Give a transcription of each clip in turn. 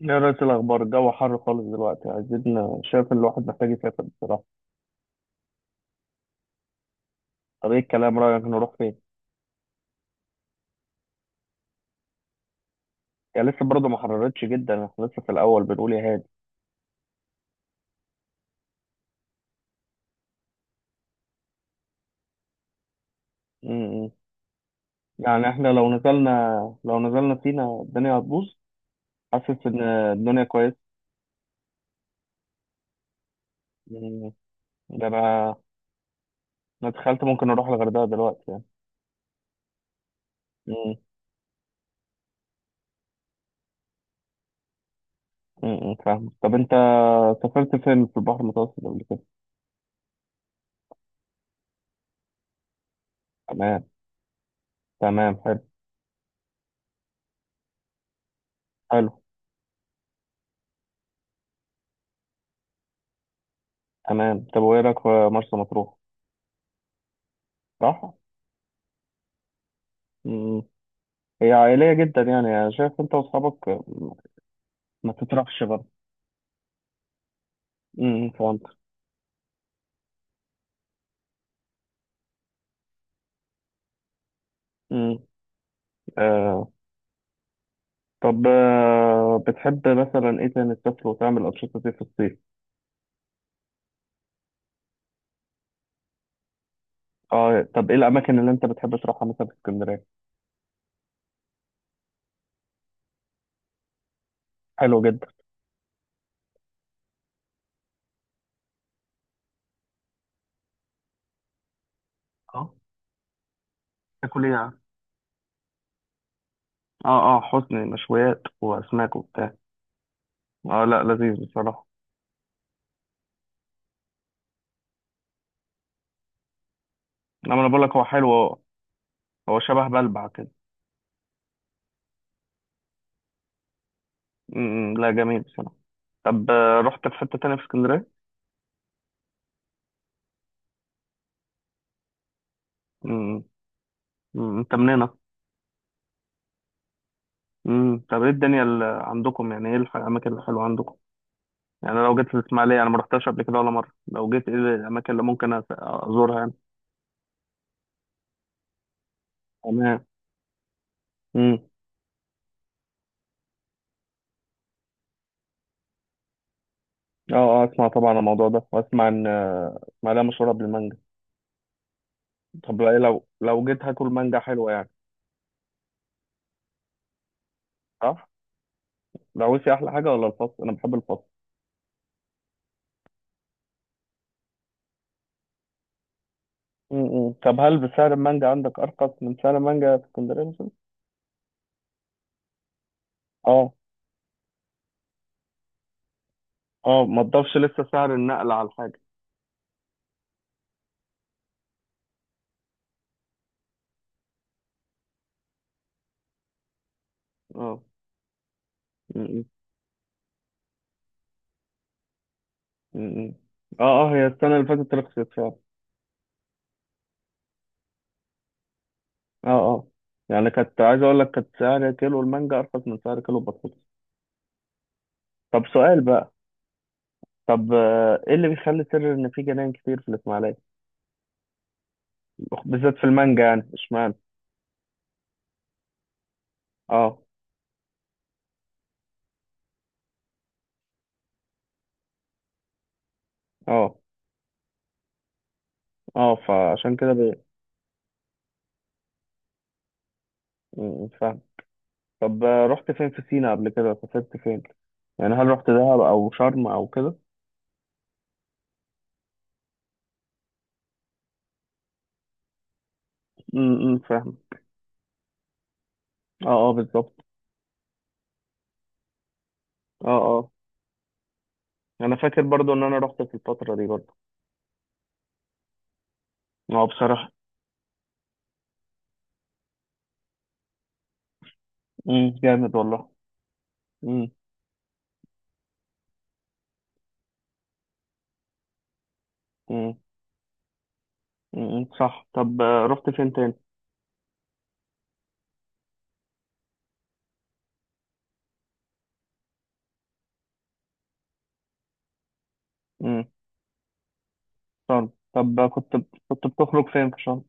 يا ريت الأخبار، الجو حر خالص دلوقتي، عايزين. شايف إن الواحد محتاج يسافر بصراحة. طب إيه الكلام، رأيك نروح فين؟ يعني لسه برضه ما حررتش جدا، إحنا لسه في الأول بنقول يا هادي. م- م. يعني إحنا لو نزلنا سينا الدنيا هتبوظ. حاسس إن الدنيا كويس. م- ده أنا تخيلت ممكن أروح الغردقة دلوقتي يعني. م- م- م. فاهم. طب أنت سافرت فين في البحر المتوسط قبل كده؟ تمام، تمام، حلو. حلو، تمام. طب وإيه رأيك في مرسى مطروح؟ صح؟ هي عائلية جدا يعني، أنا شايف أنت وأصحابك ما تطرحش برضه. فهمت. امم آه طب، بتحب مثلا إيه تاني تسافر وتعمل أنشطة إيه في الصيف؟ طب إيه الأماكن اللي أنت بتحب تروحها مثلا في اسكندرية؟ حلو جدا. اه، تاكل إيه يعني؟ آه، آه، حسني مشويات وأسماك وبتاع. آه لا، لذيذ بصراحة. إنما أنا بقول لك هو حلو هو. هو شبه بلبع كده. لا، جميل بصراحة. طب، رحت في حتة تانية في اسكندرية؟ امم. أنت منين؟ طب ايه الدنيا اللي عندكم، يعني ايه الاماكن الحلوه عندكم؟ يعني أنا لو جيت الاسماعيليه، انا ما رحتهاش قبل كده ولا مره، لو جيت ايه الاماكن اللي ممكن ازورها يعني. تمام. امم. اه، اه، اسمع، طبعا عن الموضوع ده، واسمع ان اسماعيليه مشهوره بالمانجا. طب ايه، لو جيت هاكل مانجا حلوه يعني؟ صح. العويسي احلى حاجه ولا الفص؟ انا بحب الفص. طب هل بسعر المانجا عندك ارخص من سعر المانجا في اسكندريه مثلا؟ اه، اه، ما تضافش لسه سعر النقل على الحاجه. اه. امم. امم. اه، اه، هي السنه اللي فاتت رخصت فعلا. اه، اه، يعني كنت عايز اقول لك كانت سعر كيلو المانجا ارخص من سعر كيلو البطاطس. طب سؤال بقى. طب، ايه اللي بيخلي سر ان في جناين كتير في الاسماعيليه، بالذات في المانجا؟ يعني اشمعنى؟ اه، اه، اه. م- م، فاهم. طب، رحت فين في سينا قبل كده؟ سافرت فين؟ يعني هل رحت دهب او شرم او كده؟ م- م، فاهم. اه، اه، بالظبط. اه، اه، انا فاكر برضو ان انا رحت في الفتره دي برضو. اه بصراحه. جامد والله. م- م. م- م. صح. طب، رحت فين تاني؟ م. شرم. طب، كنت بتخرج فين في شرم؟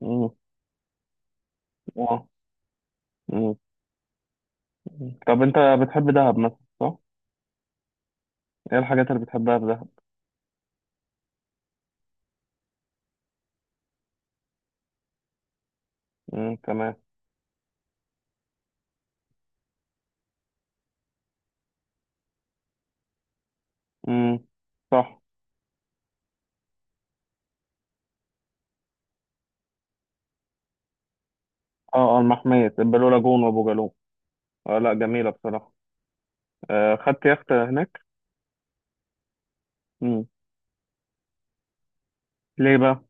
م. آه. م. م. طب انت بتحب دهب مثلا، صح؟ ايه الحاجات اللي بتحبها في دهب؟ م، تمام. م، صح. اه، اه، المحمية البلو لاجون وابو جالوم. آه لا، جميلة بصراحة. آه، خدت يخت هناك؟ م. ليه بقى؟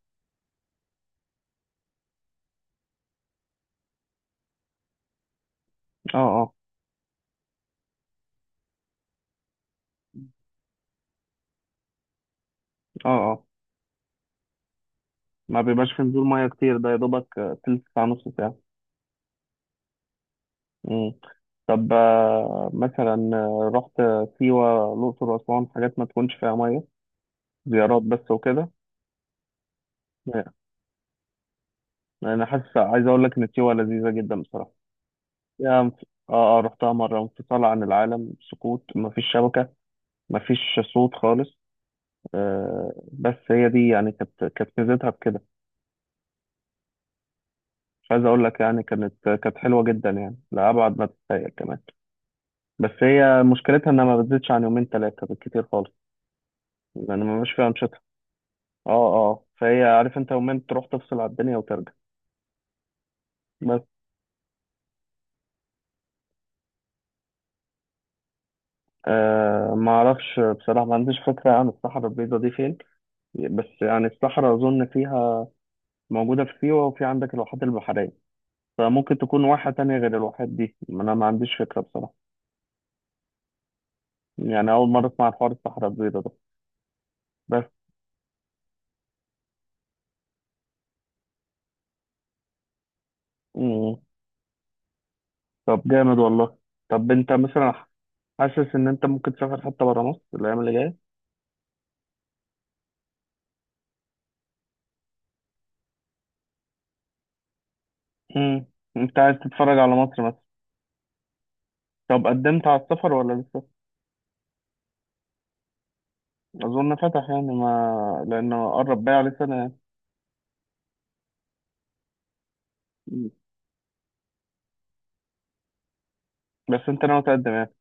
اه، اه، اه، اه، ما بيبقاش في نزول ميه كتير، ده يا دوبك تلت ساعة، نص ساعة. طب، مثلا، رحت سيوة، الأقصر، وأسوان؟ حاجات ما تكونش فيها مية، زيارات بس وكده يعني. أنا حاسس عايز أقول لك إن سيوة لذيذة جدا بصراحة. يعني انف- آه، آه، رحتها مرة، انفصال عن العالم، سكوت، مفيش شبكة، مفيش صوت خالص. آه، بس هي دي يعني كانت ميزتها بكده. مش عايز أقول لك، يعني كانت حلوة جدا يعني، لأبعد ما تتخيل كمان. بس هي مشكلتها إنها ما بتزيدش عن يومين تلاتة بالكتير خالص. يعني ما بيبقاش فيها أنشطة. اه، اه، فهي عارف انت، يومين تروح تفصل على الدنيا وترجع. بس آه، ما اعرفش بصراحه، ما عنديش فكره عن الصحراء البيضاء دي فين. بس يعني الصحراء اظن فيها موجوده في سيوه، وفي عندك الواحات البحريه. فممكن تكون واحه تانية غير الواحات دي، ما انا ما عنديش فكره بصراحه. يعني اول مره اسمع عن حوار الصحراء البيضاء ده. بس. مم. طب جامد والله. طب انت مثلا حاسس ان انت ممكن تسافر حتى بره مصر الايام اللي جايه؟ مم. انت عايز تتفرج على مصر مثلا؟ طب قدمت على السفر ولا لسه؟ أظن فتح يعني، ما لأنه قرب بقى عليه سنة يعني. مم. بس أنت ناوي تقدم يعني؟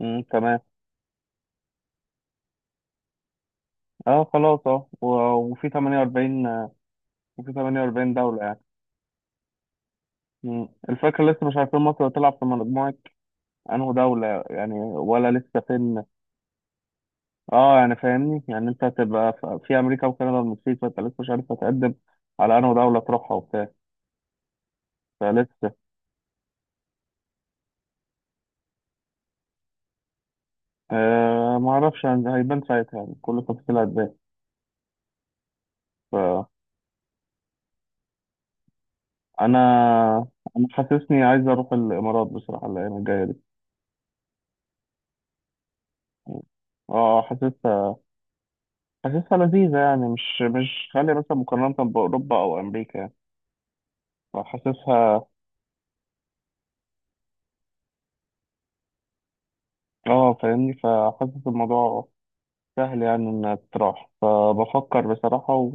مم، تمام. أه خلاص. وفي 48 وفي 48 دولة يعني. مم. الفكرة لسه مش عارفين مصر هتلعب في مجموعة، أنه دولة يعني، ولا لسه فين. أه، يعني فاهمني، يعني أنت هتبقى في أمريكا وكندا والمكسيك، فأنت لسه مش عارف هتقدم على أنه دولة تروحها وبتاع. فلسه. أه، معرفش، هيبان ساعتها، يعني كل التفاصيل هتبان. انا انا حاسسني عايز اروح الامارات بصراحه الايام الجايه دي. اه، حاسسها. حاسسها لذيذه، يعني مش غاليه مثلا مقارنه باوروبا او امريكا يعني. فحاسسها. اه فاهمني، فحاسس الموضوع سهل يعني، انها تروح، فبفكر بصراحه،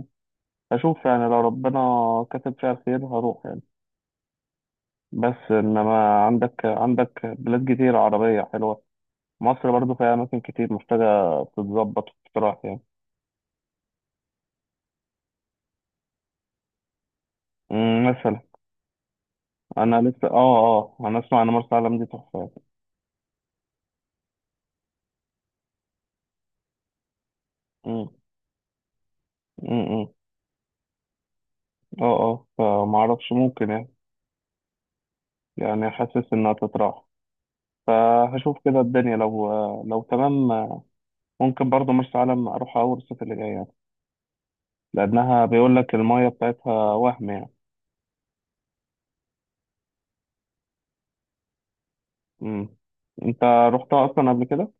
واشوف يعني لو ربنا كتب فيها الخير هروح يعني. بس انما عندك بلاد كتير عربيه حلوه. مصر برضو فيها اماكن كتير محتاجه تتظبط وتتراح يعني. مم، مثلا. انا لسه، اه. اه، انا اسمع ان مرسى علم دي تحفه. امم. امم. اه، اه، فما اعرفش، ممكن يعني. يعني حاسس انها تتراح. فهشوف كده الدنيا لو، لو تمام. ممكن برضه مرسى علم اروح اول الصيف اللي جاي يعني. لانها بيقول لك المايه بتاعتها وهم يعني. امم. انت رحتها اصلا قبل كده؟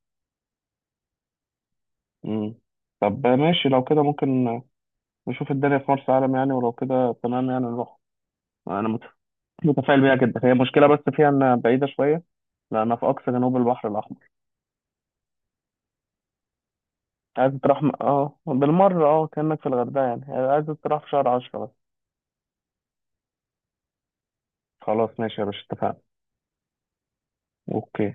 امم. طب ماشي، لو كده ممكن نشوف الدنيا في مرسى علم يعني، ولو كده تمام يعني نروح. انا، متفائل بيها جدا. هي مشكله بس فيها انها بعيده شويه، لأنها في أقصى جنوب البحر الأحمر. عايز تروح اه بالمرة، اه كأنك في الغردقة يعني، عايز تروح في شهر عشرة بس. خلاص ماشي يا باشا، اتفقنا. اوكي.